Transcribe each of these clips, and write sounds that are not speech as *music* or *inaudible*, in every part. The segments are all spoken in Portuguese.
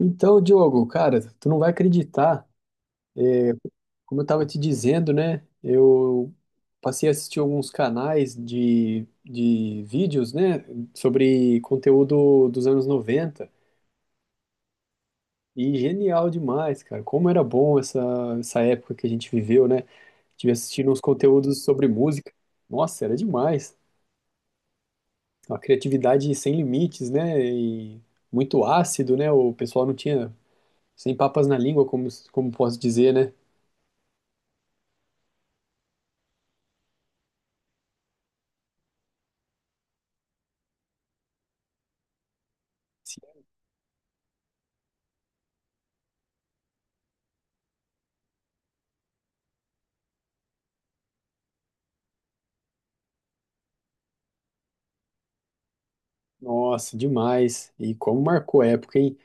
Então, Diogo, cara, tu não vai acreditar, como eu tava te dizendo, né? Eu passei a assistir alguns canais de vídeos, né, sobre conteúdo dos anos 90. E genial demais, cara. Como era bom essa época que a gente viveu, né? Tive assistindo uns conteúdos sobre música. Nossa, era demais. Uma criatividade sem limites, né? E muito ácido, né? O pessoal não tinha sem papas na língua, como posso dizer, né? Nossa, demais. E como marcou época, hein?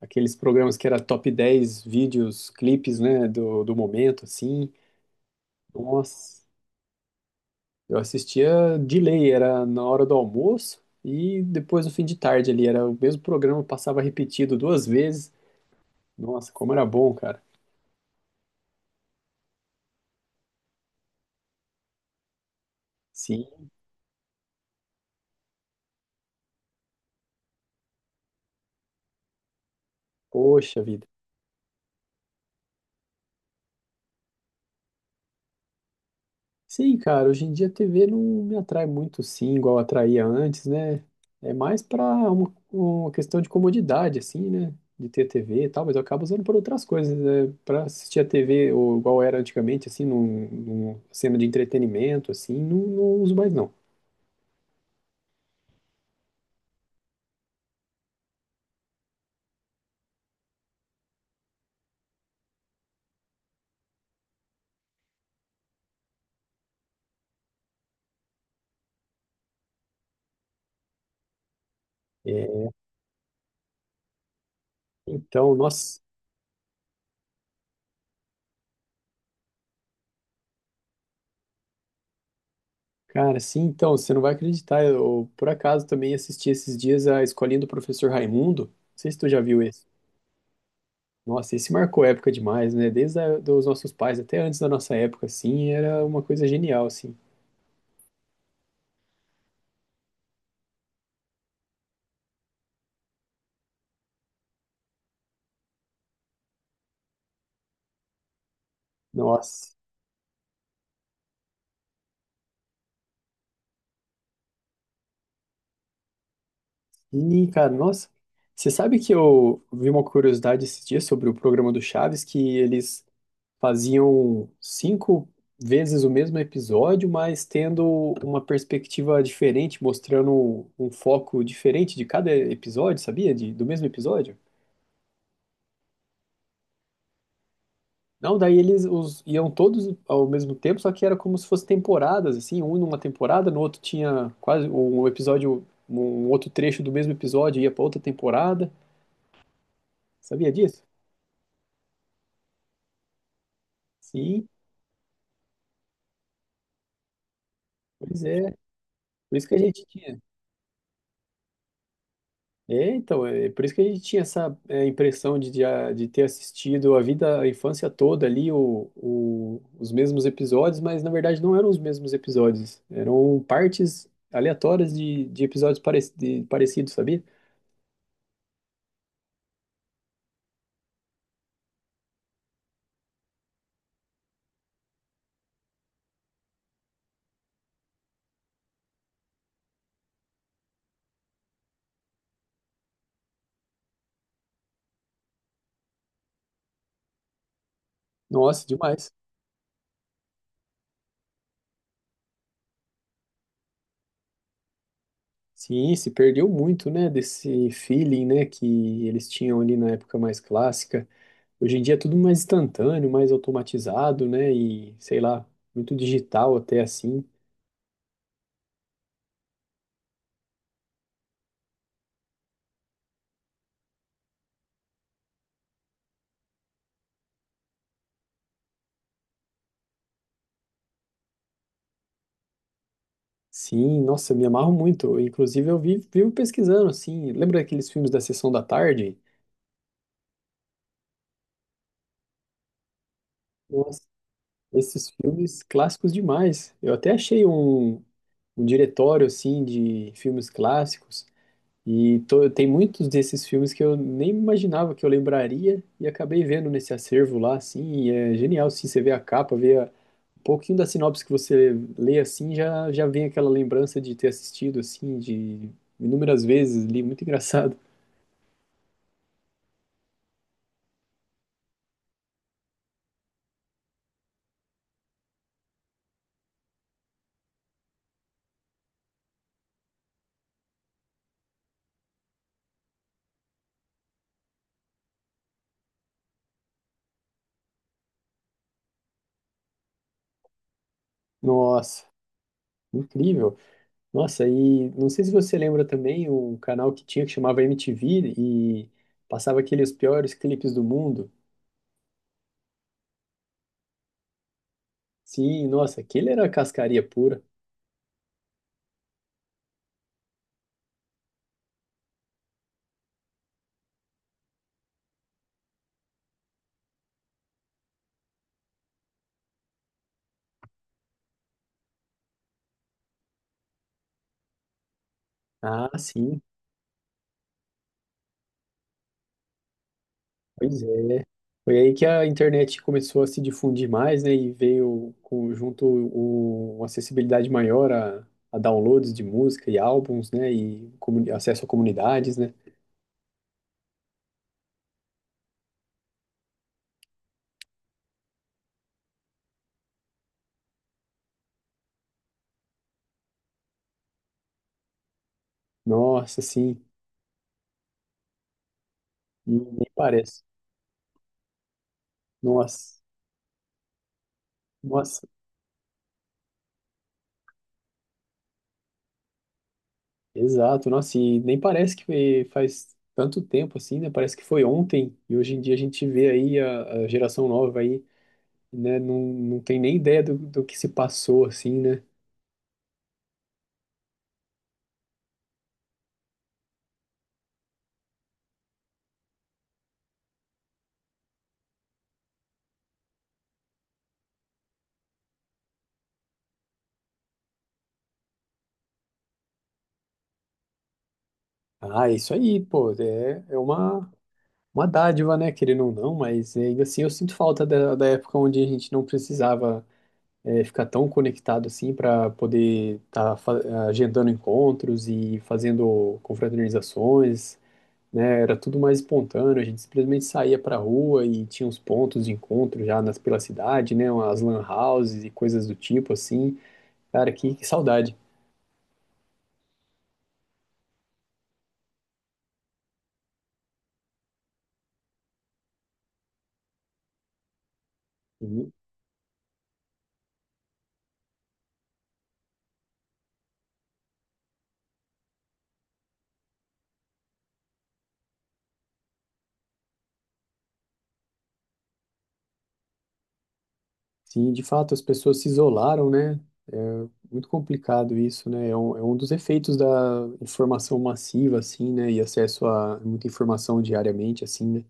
Aqueles programas que era top 10 vídeos, clipes, né, do momento, assim. Nossa, eu assistia de lei, era na hora do almoço e depois no fim de tarde ali. Era o mesmo programa, passava repetido duas vezes. Nossa, como era bom, cara. Sim, poxa vida. Sim, cara, hoje em dia a TV não me atrai muito, sim, igual atraía antes, né? É mais para uma questão de comodidade, assim, né? De ter TV e tal, mas eu acabo usando por outras coisas, né? Para assistir a TV, ou igual era antigamente, assim, numa cena de entretenimento, assim, não, não uso mais, não. É, então, nossa, cara, sim, então, você não vai acreditar, eu por acaso também assisti esses dias a Escolinha do Professor Raimundo, não sei se tu já viu esse. Nossa, esse marcou época demais, né? Dos nossos pais até antes da nossa época, assim, era uma coisa genial, assim. Nossa, e, cara, nossa. Você sabe que eu vi uma curiosidade esses dias sobre o programa do Chaves, que eles faziam cinco vezes o mesmo episódio, mas tendo uma perspectiva diferente, mostrando um foco diferente de cada episódio, sabia? Do mesmo episódio? Não, daí iam todos ao mesmo tempo, só que era como se fossem temporadas, assim, um numa temporada, no outro tinha quase um episódio, um outro trecho do mesmo episódio ia para outra temporada. Sabia disso? Sim, pois é. Por isso que a gente tinha. É, então, é por isso que a gente tinha essa impressão de ter assistido a vida, a infância toda ali, os mesmos episódios, mas na verdade não eram os mesmos episódios, eram partes aleatórias de episódios parecidos, sabia? Nossa, demais. Sim, se perdeu muito, né, desse feeling, né, que eles tinham ali na época mais clássica. Hoje em dia é tudo mais instantâneo, mais automatizado, né, e sei lá, muito digital até assim. Sim, nossa, me amarro muito. Inclusive eu vivo pesquisando, assim, lembra aqueles filmes da Sessão da Tarde? Nossa, esses filmes clássicos demais. Eu até achei um diretório, assim, de filmes clássicos. E tô, tem muitos desses filmes que eu nem imaginava que eu lembraria e acabei vendo nesse acervo lá, assim, e é genial, assim, você vê a capa, vê um pouquinho da sinopse que você lê, assim, já vem aquela lembrança de ter assistido, assim, de inúmeras vezes li, muito engraçado. *laughs* Nossa, incrível. Nossa, e não sei se você lembra também o canal que tinha que chamava MTV e passava aqueles piores clipes do mundo. Sim, nossa, aquele era cascaria pura. Ah, sim. Pois é. Foi aí que a internet começou a se difundir mais, né? E veio com, junto o, uma acessibilidade maior a downloads de música e álbuns, né? E acesso a comunidades, né? Nossa, sim. E nem parece. Nossa, nossa. Exato, nossa. E nem parece que faz tanto tempo assim, né? Parece que foi ontem. E hoje em dia a gente vê aí a geração nova aí, né? Não, não tem nem ideia do que se passou, assim, né? Ah, é isso aí, pô, é uma dádiva, né, querendo ou não, mas ainda assim eu sinto falta da época onde a gente não precisava ficar tão conectado assim para poder estar agendando encontros e fazendo confraternizações, né, era tudo mais espontâneo, a gente simplesmente saía para rua e tinha uns pontos de encontro já nas, pela cidade, né, as lan houses e coisas do tipo assim, cara, que saudade. Sim, de fato, as pessoas se isolaram, né? É muito complicado isso, né? É um dos efeitos da informação massiva, assim, né? E acesso a muita informação diariamente, assim, né?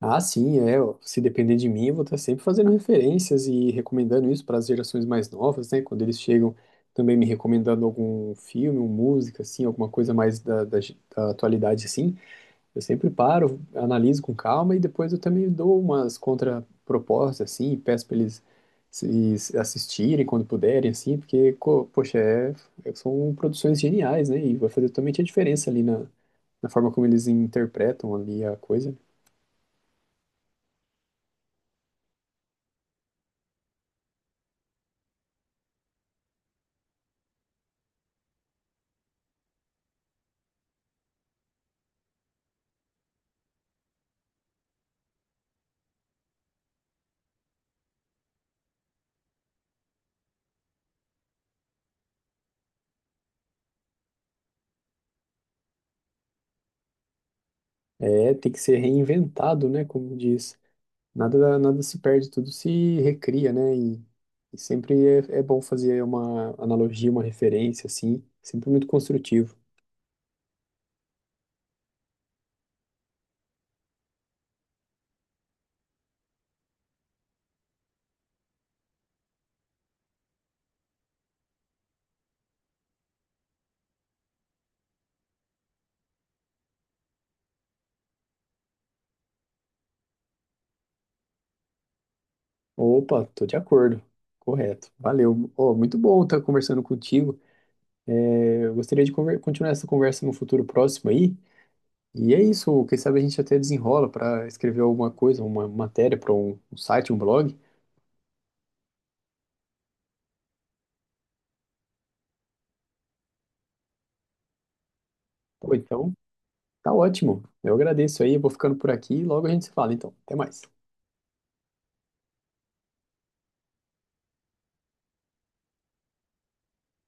Ah, sim, é. Ó, se depender de mim, eu vou estar sempre fazendo referências e recomendando isso para as gerações mais novas, né? Quando eles chegam, também me recomendando algum filme, uma música, assim, alguma coisa mais da atualidade, assim. Eu sempre paro, analiso com calma e depois eu também dou umas contrapropostas, assim, e peço para eles se assistirem quando puderem, assim, porque, poxa, são produções geniais, né? E vai fazer totalmente a diferença ali na forma como eles interpretam ali a coisa. É, tem que ser reinventado, né? Como diz, nada se perde, tudo se recria, né? E sempre é bom fazer uma analogia, uma referência, assim, sempre muito construtivo. Opa, tô de acordo. Correto. Valeu. Ó, muito bom estar conversando contigo. É, eu gostaria de continuar essa conversa no futuro próximo aí. E é isso. Quem sabe a gente até desenrola para escrever alguma coisa, uma matéria para um site, um blog. Pô, então, tá ótimo. Eu agradeço aí. Vou ficando por aqui e logo a gente se fala. Então, até mais.